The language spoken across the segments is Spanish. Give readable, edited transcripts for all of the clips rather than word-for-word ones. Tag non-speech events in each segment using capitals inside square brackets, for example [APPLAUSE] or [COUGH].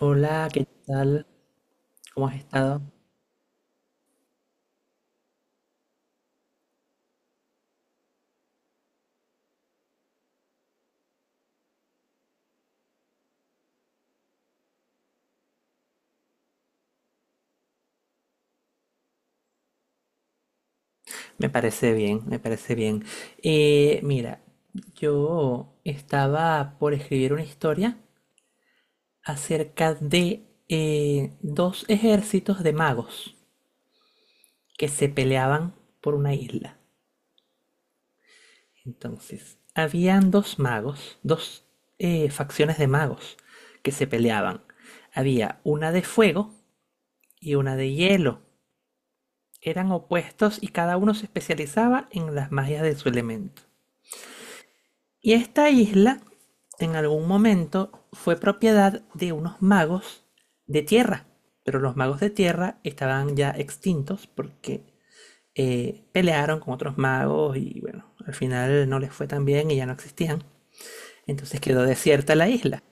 Hola, ¿qué tal? ¿Cómo has estado? Me parece bien, me parece bien. Mira, yo estaba por escribir una historia acerca de dos ejércitos de magos que se peleaban por una isla. Entonces, habían dos magos, dos facciones de magos que se peleaban. Había una de fuego y una de hielo. Eran opuestos y cada uno se especializaba en las magias de su elemento. Y esta isla, en algún momento, fue propiedad de unos magos de tierra. Pero los magos de tierra estaban ya extintos porque pelearon con otros magos y bueno, al final no les fue tan bien y ya no existían. Entonces quedó desierta la isla.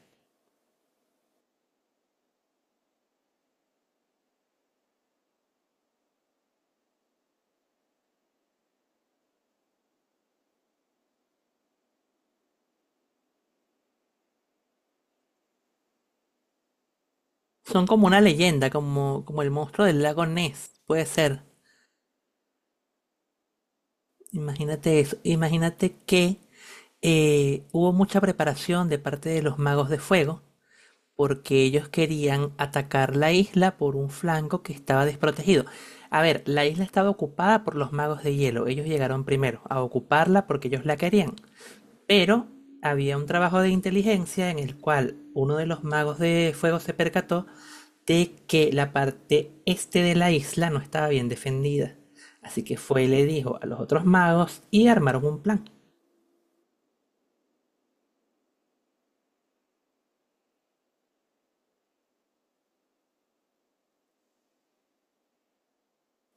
Son como una leyenda, como el monstruo del lago Ness. Puede ser. Imagínate eso. Imagínate que hubo mucha preparación de parte de los magos de fuego porque ellos querían atacar la isla por un flanco que estaba desprotegido. A ver, la isla estaba ocupada por los magos de hielo. Ellos llegaron primero a ocuparla porque ellos la querían. Pero había un trabajo de inteligencia en el cual uno de los magos de fuego se percató de que la parte este de la isla no estaba bien defendida. Así que fue y le dijo a los otros magos y armaron un plan.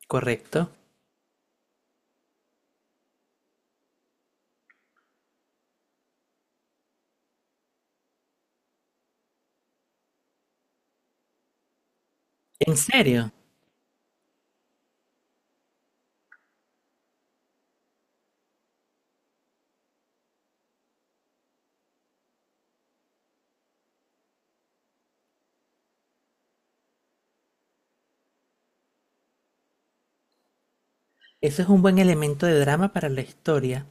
¿Correcto? ¿En serio? Eso es un buen elemento de drama para la historia.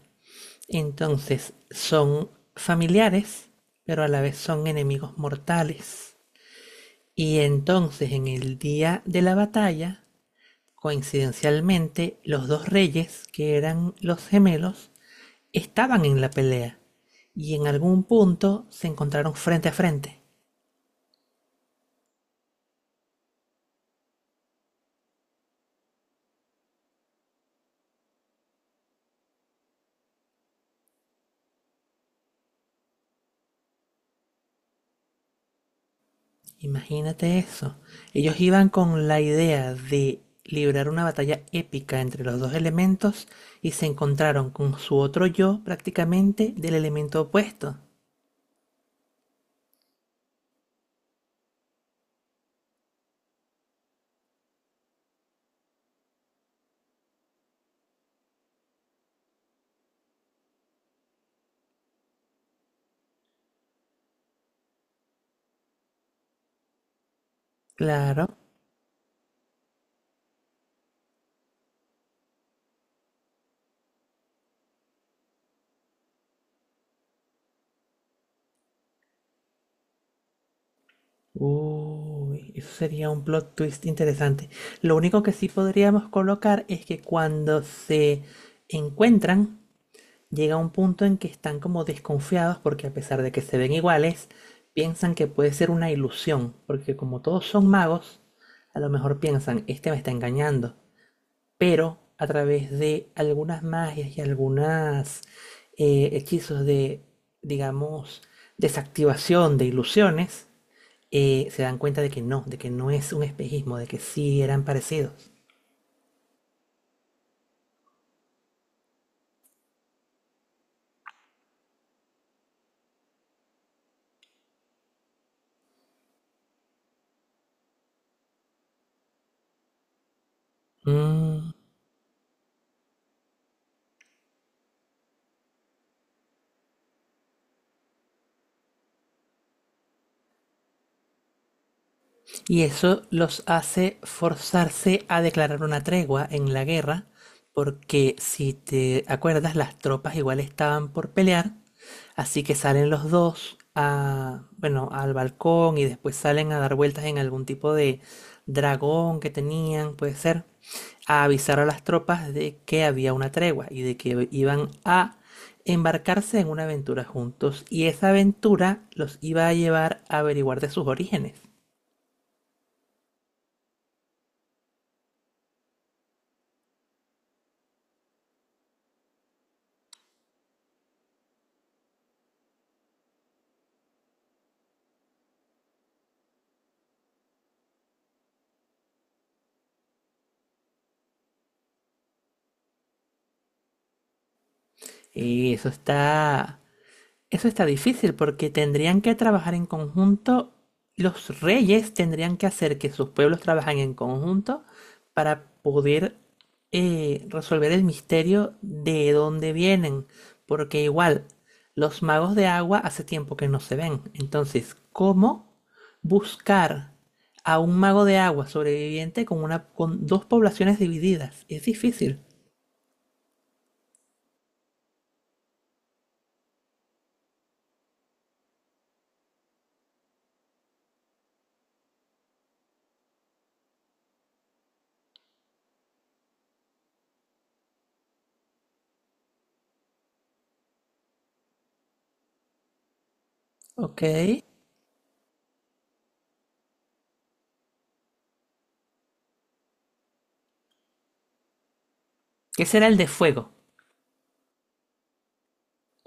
Entonces son familiares, pero a la vez son enemigos mortales. Y entonces en el día de la batalla, coincidencialmente, los dos reyes, que eran los gemelos, estaban en la pelea. Y en algún punto se encontraron frente a frente. Imagínate eso. Ellos iban con la idea de librar una batalla épica entre los dos elementos y se encontraron con su otro yo prácticamente del elemento opuesto. Claro. Uy, eso sería un plot twist interesante. Lo único que sí podríamos colocar es que cuando se encuentran, llega un punto en que están como desconfiados porque a pesar de que se ven iguales, piensan que puede ser una ilusión, porque como todos son magos, a lo mejor piensan, este me está engañando, pero a través de algunas magias y algunas hechizos de, digamos, desactivación de ilusiones, se dan cuenta de que no es un espejismo, de que sí eran parecidos. Mm. Y eso los hace forzarse a declarar una tregua en la guerra, porque si te acuerdas, las tropas igual estaban por pelear, así que salen los dos a, bueno, al balcón y después salen a dar vueltas en algún tipo de dragón que tenían, puede ser, a avisar a las tropas de que había una tregua y de que iban a embarcarse en una aventura juntos y esa aventura los iba a llevar a averiguar de sus orígenes. Y eso está difícil porque tendrían que trabajar en conjunto, los reyes tendrían que hacer que sus pueblos trabajen en conjunto para poder resolver el misterio de dónde vienen, porque igual los magos de agua hace tiempo que no se ven. Entonces, ¿cómo buscar a un mago de agua sobreviviente con una, con dos poblaciones divididas? Es difícil. Ok. ¿Qué será el de fuego?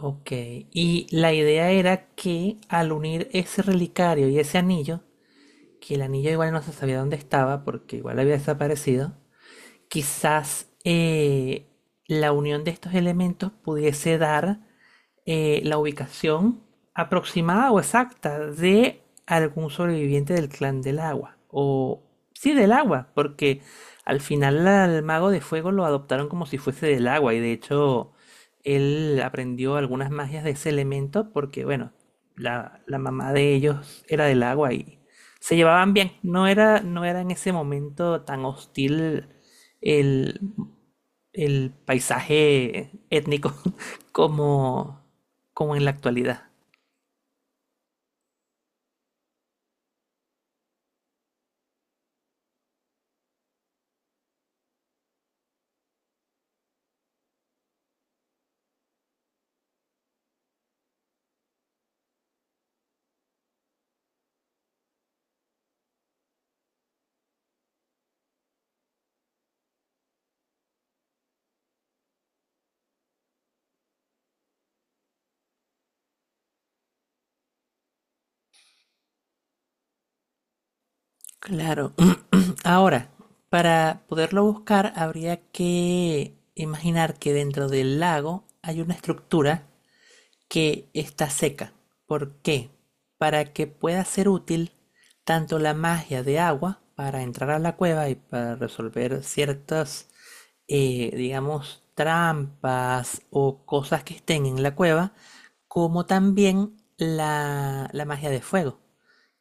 Ok, y la idea era que al unir ese relicario y ese anillo, que el anillo igual no se sabía dónde estaba porque igual había desaparecido, quizás la unión de estos elementos pudiese dar la ubicación aproximada o exacta de algún sobreviviente del clan del agua. O sí, del agua, porque al final al mago de fuego lo adoptaron como si fuese del agua y de hecho él aprendió algunas magias de ese elemento porque, bueno, la mamá de ellos era del agua y se llevaban bien. No era en ese momento tan hostil el el paisaje étnico [LAUGHS] como, como en la actualidad. Claro. [CLEARS THROAT] Ahora, para poderlo buscar, habría que imaginar que dentro del lago hay una estructura que está seca. ¿Por qué? Para que pueda ser útil tanto la magia de agua para entrar a la cueva y para resolver ciertas, digamos, trampas o cosas que estén en la cueva, como también la magia de fuego,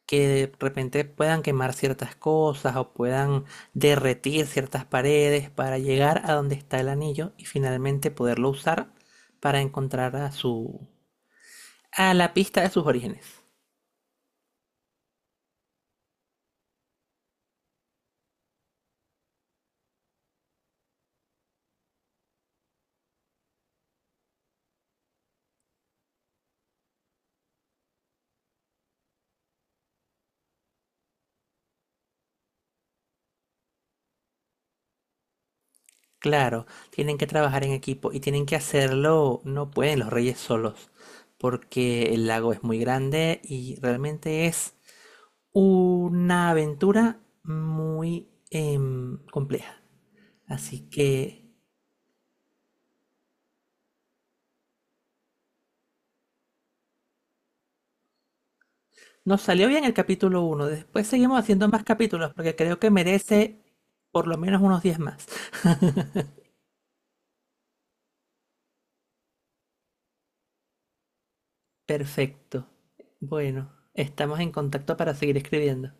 que de repente puedan quemar ciertas cosas o puedan derretir ciertas paredes para llegar a donde está el anillo y finalmente poderlo usar para encontrar a su a la pista de sus orígenes. Claro, tienen que trabajar en equipo y tienen que hacerlo, no pueden los reyes solos, porque el lago es muy grande y realmente es una aventura muy compleja. Así que nos salió bien el capítulo 1. Después seguimos haciendo más capítulos porque creo que merece por lo menos unos 10 más. [LAUGHS] Perfecto. Bueno, estamos en contacto para seguir escribiendo.